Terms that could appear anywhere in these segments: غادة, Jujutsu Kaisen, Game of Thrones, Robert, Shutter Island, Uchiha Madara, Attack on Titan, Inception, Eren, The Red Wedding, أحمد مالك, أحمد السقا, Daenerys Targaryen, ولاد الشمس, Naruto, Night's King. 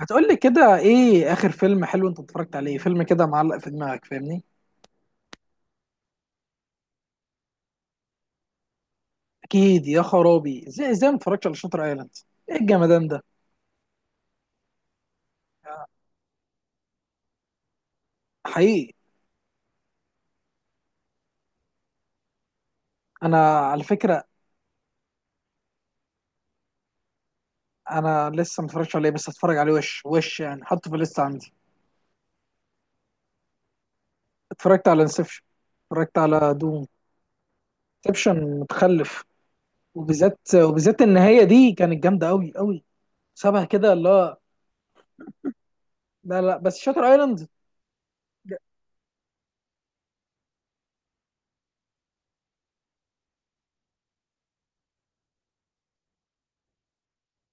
هتقول لي كده ايه اخر فيلم حلو انت اتفرجت عليه؟ فيلم كده معلق في دماغك فاهمني. اكيد يا خرابي، ازاي ما اتفرجتش على شاتر ايلاند! ايه الجمدان ده؟ حقيقي. انا على فكره انا لسه ما اتفرجتش عليه، بس اتفرج عليه وش وش يعني، حطه في الليسته عندي. اتفرجت على انسبشن، اتفرجت على دوم. انسبشن متخلف، وبالذات النهايه دي كانت جامده قوي قوي، شبه كده اللي هو. لا لا، بس شاتر ايلاند.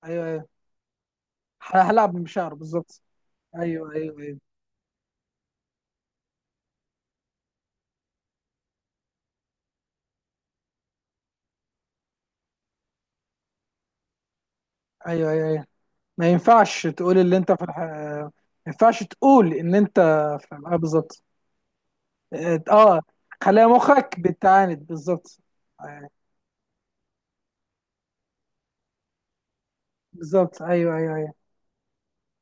ايوه ايوه، هلعب بمشاعره بالظبط. ايوه ايوه ايوه. ايوه ايوه أيوة. ما ينفعش تقول اللي انت في الح... ما ينفعش تقول ان انت في الحلقة بالظبط. اه، خلايا مخك بتعاند بالظبط. آه، بالظبط ايوه ايوه ايوه.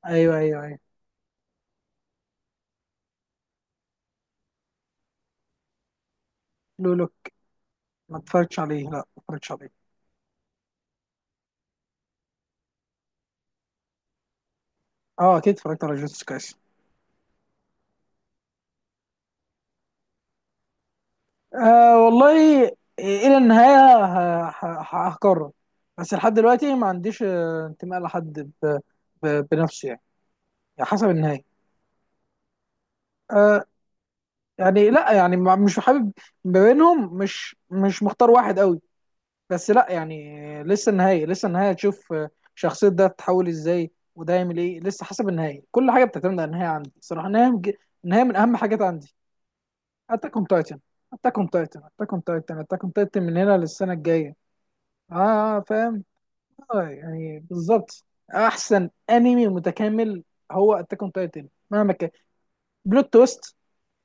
ايوه ايوه ايوه. لولو، ما اتفرجتش عليه، لا ما اتفرجتش عليه. اه اكيد اتفرجت على جوتس كايس. آه والله. إيه، الى النهايه هقرر. بس لحد دلوقتي ما عنديش انتماء لحد بنفسه يعني. يعني حسب النهايه. آه، يعني لا يعني مش حابب ما بينهم، مش مختار واحد قوي. بس لا يعني، لسه النهاية، لسه النهاية تشوف شخصية ده تتحول ازاي وده يعمل ايه. لسه حسب النهاية، كل حاجة بتعتمد على النهاية عندي صراحة. النهاية من أهم حاجات عندي. أتاك أون تايتن. أتاك أون تايتن من هنا للسنة الجاية. اه فاهم. اه يعني بالظبط. أحسن أنمي متكامل هو أتاك أون تايتن مهما كان. بلوت تويست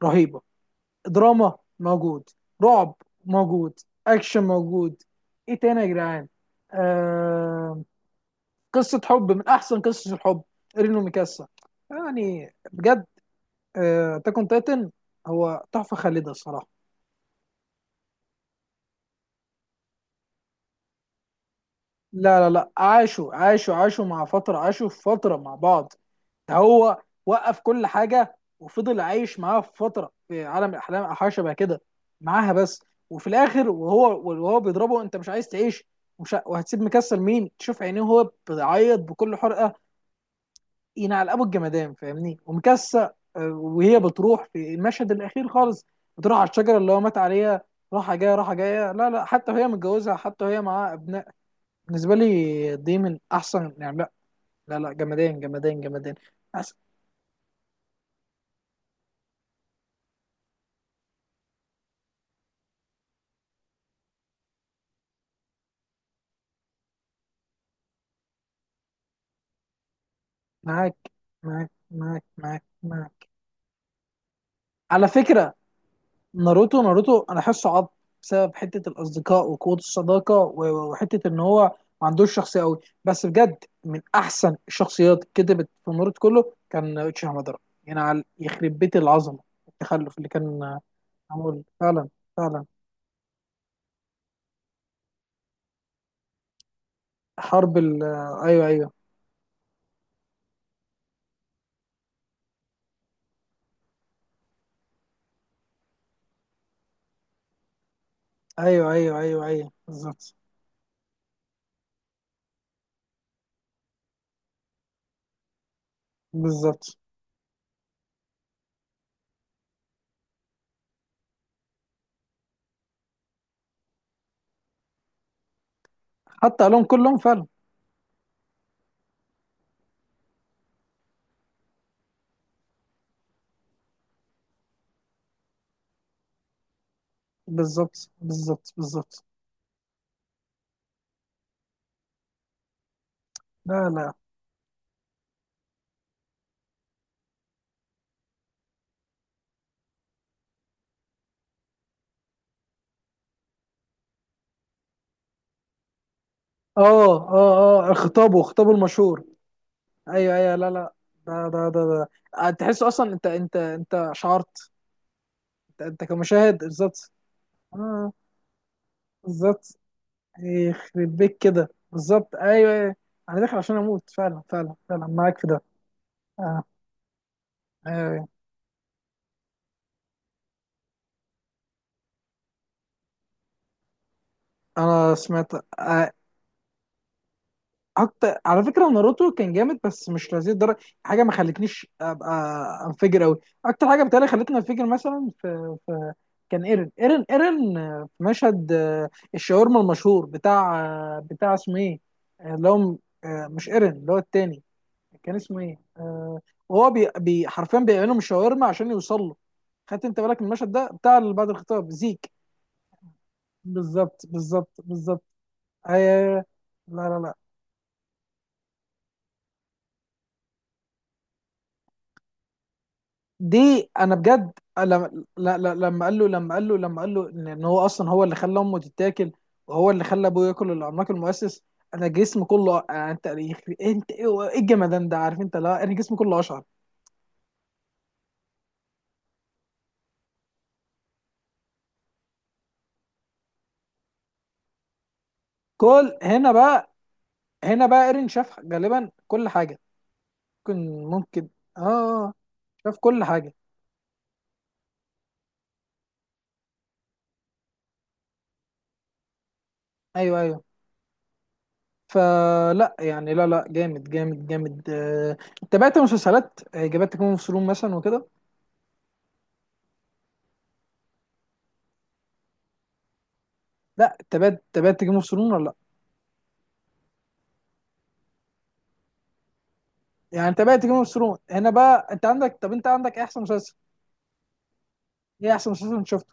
رهيبة، دراما موجود، رعب موجود، اكشن موجود. ايه تاني يا جدعان؟ آه... قصة حب من احسن قصص الحب، رينو ميكاسا. يعني بجد اتاك اون تايتن هو تحفة خالدة الصراحة. لا لا لا، عاشوا عاشوا مع فترة، عاشوا في فترة مع بعض. هو وقف كل حاجه وفضل عايش معاها في فتره، في عالم الاحلام او حاجه شبه كده، معاها بس. وفي الاخر وهو بيضربه، انت مش عايز تعيش؟ وهتسيب مكسل مين تشوف عينيه وهو بيعيط بكل حرقه، ينعل ابو الجمدان فاهمني، ومكسل وهي بتروح في المشهد الاخير خالص. بتروح على الشجره اللي هو مات عليها، راحه جايه راحه جايه، لا لا، حتى وهي متجوزه، حتى وهي معاها ابناء. بالنسبه لي دي من احسن، يعني لا لا لا، جمدان جمدان جمدان. معاك معاك معاك معاك. على فكرة ناروتو، ناروتو أنا حاسه عض بسبب حتة الأصدقاء وقوة الصداقة، وحتة إن هو ما عندوش شخصية أوي، بس بجد من أحسن الشخصيات كتبت في ناروتو كله كان اوتشي هامادارا. يعني على يخرب بيت العظمة، التخلف اللي كان معمول فعلا، فعلا. حرب ال، أيوه أيوه. أيوه بالظبط. بالظبط حتى قالهم كلهم فعلا. بالظبط بالظبط بالظبط. لا لا. اه اه اه، خطابه، خطابه المشهور. ايوه ايوه، لا لا. ده ده ده, ده. تحس اصلا انت، انت شعرت. انت, انت كمشاهد بالظبط. اه بالظبط. يخرب بيك كده بالظبط، ايوه ايوه. انا داخل عشان اموت فعلا، فعلا فعلا معاك في ده. اه، ايوه ايوه. انا سمعت آه. اكتر على فكره ناروتو كان جامد بس مش لهذه الدرجه، حاجه ما خلتنيش ابقى انفجر قوي. اكتر حاجه بتهيألي خلتني انفجر مثلا في، كان ايرن ايرن في مشهد، الشاورما المشهور بتاع، بتاع اسمه ايه، اللي هو، مش ايرن، اللي هو التاني كان اسمه ايه؟ وهو حرفيا بيعملهم الشاورما عشان يوصل له. خدت انت بالك من المشهد ده بتاع اللي بعد الخطاب زيك؟ بالظبط بالظبط بالظبط، آه، لا لا لا، دي انا بجد. لما لا- لا- لما قال له لما قال له ان إن هو اصلا هو اللي خلى امه تتاكل، وهو اللي خلى ابوه ياكل العملاق المؤسس. انا جسمي كله انت انت ايه إيه الجمدان ده عارف انت، لا انا جسمي كله اشعر. كل هنا بقى، هنا بقى ايرين شاف غالبا كل حاجه. ممكن ممكن، اه، شاف كل حاجه. ايوه ايوه. فلا يعني لا لا، جامد جامد جامد. تابعت مسلسلات جابت تكون في مثلا وكده؟ لا تابعت، تابعت جيم اوف ثرونز ولا لا؟ يعني انت بقى جيم اوف ثرونز هنا بقى، انت عندك، طب انت عندك إيه احسن مسلسل؟ ايه احسن مسلسل انت شفته؟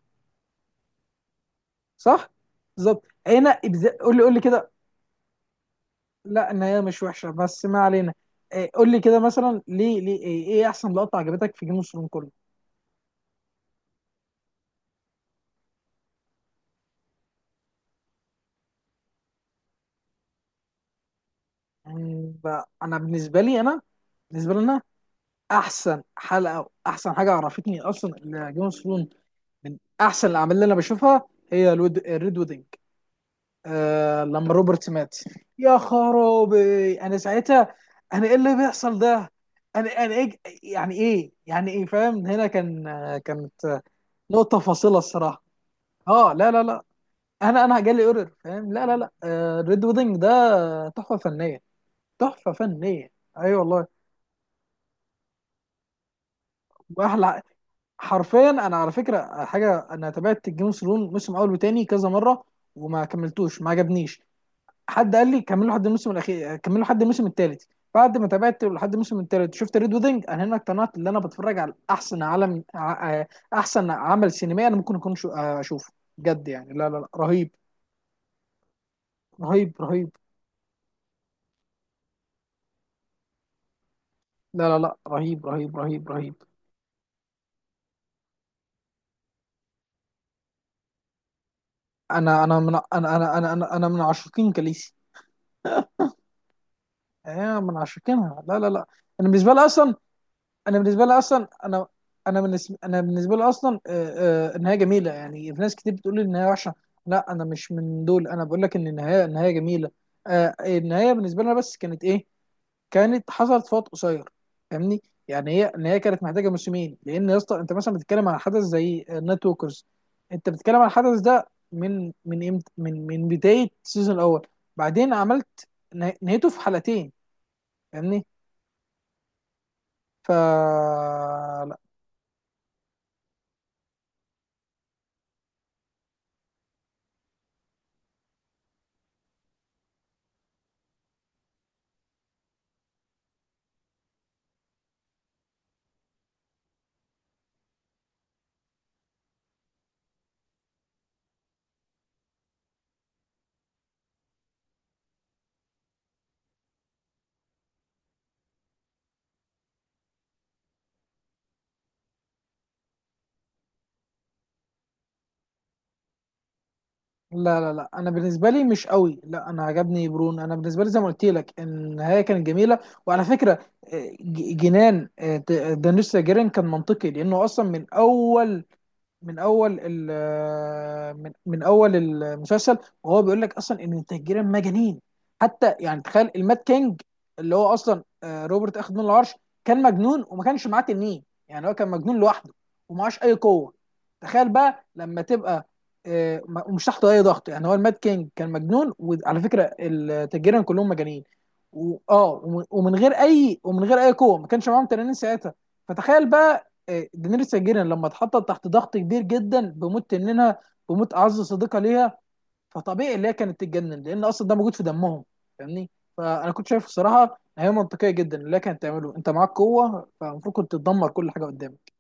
صح، بالظبط. قول لي، قول لي كده. لا النهايه مش وحشه، بس ما علينا. إيه، قول لي كده مثلا، ليه ليه ايه, إيه احسن لقطه عجبتك في جيم اوف ثرونز كله؟ يعني بقى انا بالنسبه لي انا، بالنسبه لي انا، احسن حلقه واحسن حاجه عرفتني اصلا جيم اوف ثرونز من احسن الاعمال اللي انا بشوفها، هي الريد ويدنج. آه لما روبرت مات، يا خرابي انا ساعتها، انا ايه اللي بيحصل ده، انا إيه يعني، ايه يعني، ايه فاهم، هنا كان، كانت نقطة فاصلة الصراحة. اه لا لا لا، انا جالي اورر فاهم، لا لا لا، آه ريد ويدنج ده تحفة فنية، تحفة فنية اي. أيوة والله. واحلى. حرفيا انا على فكره حاجه، انا تابعت جيم اوف ثرونز موسم اول وتاني كذا مره وما كملتوش، ما عجبنيش. حد قال لي كملوا لحد الموسم الاخير، كملوا لحد الموسم الثالث. بعد ما تابعت لحد الموسم الثالث شفت ريد ويدنج، انا هنا اقتنعت ان انا بتفرج على احسن احسن عمل سينمائي انا ممكن اكون اشوفه بجد. يعني لا لا لا، رهيب رهيب رهيب. لا لا لا، رهيب رهيب رهيب رهيب. انا أنا من عشاقين كاليسي. انا من عشاقينها، لا لا لا. انا بالنسبه لي اصلا انا بالنسبه لي اصلا انا انا بالنسبه لي اصلا، النهايه جميله. يعني في ناس كتير بتقول لي النهايه وحشه، لا انا مش من دول، انا بقول لك ان النهايه جميله. النهايه بالنسبه لنا بس كانت ايه؟ كانت حصلت في وقت قصير، فاهمني. يعني هي النهايه كانت محتاجه موسمين، لان يا اسطى انت مثلا بتتكلم عن حدث زي النايت ووكرز، انت بتتكلم عن الحدث ده من امتى، من بدايه السيزون الاول، بعدين عملت نهايته في حلقتين، فاهمني. ف لا لا لا، انا بالنسبه لي مش قوي، لا انا عجبني برون. انا بالنسبه لي زي ما قلت لك النهايه كانت جميله. وعلى فكره، جنان دانيس جيرين كان منطقي، لانه اصلا من اول، من اول من اول المسلسل وهو بيقول لك اصلا ان التهجيرة مجانين. حتى يعني تخيل المات كينج اللي هو اصلا، روبرت اخذ منه العرش، كان مجنون وما كانش معاه تنين. يعني هو كان مجنون لوحده ومعاش اي قوه. تخيل بقى لما تبقى، ومش تحت اي ضغط. يعني هو المات كينج كان مجنون، وعلى فكره التهجيرة كلهم مجانين. اه ومن غير اي ومن غير اي قوه، ما كانش معاهم تنانين ساعتها. فتخيل بقى دينيريس تارجيريان لما اتحطت تحت ضغط كبير جدا بموت تنينها، بموت اعز صديقه ليها، فطبيعي اللي هي كانت تتجنن، لان اصلا ده موجود في دمهم، فاهمني. فانا كنت شايف الصراحه إن هي منطقيه جدا، اللي هي كانت تعمله انت معاك قوه فالمفروض كنت تدمر كل حاجه قدامك.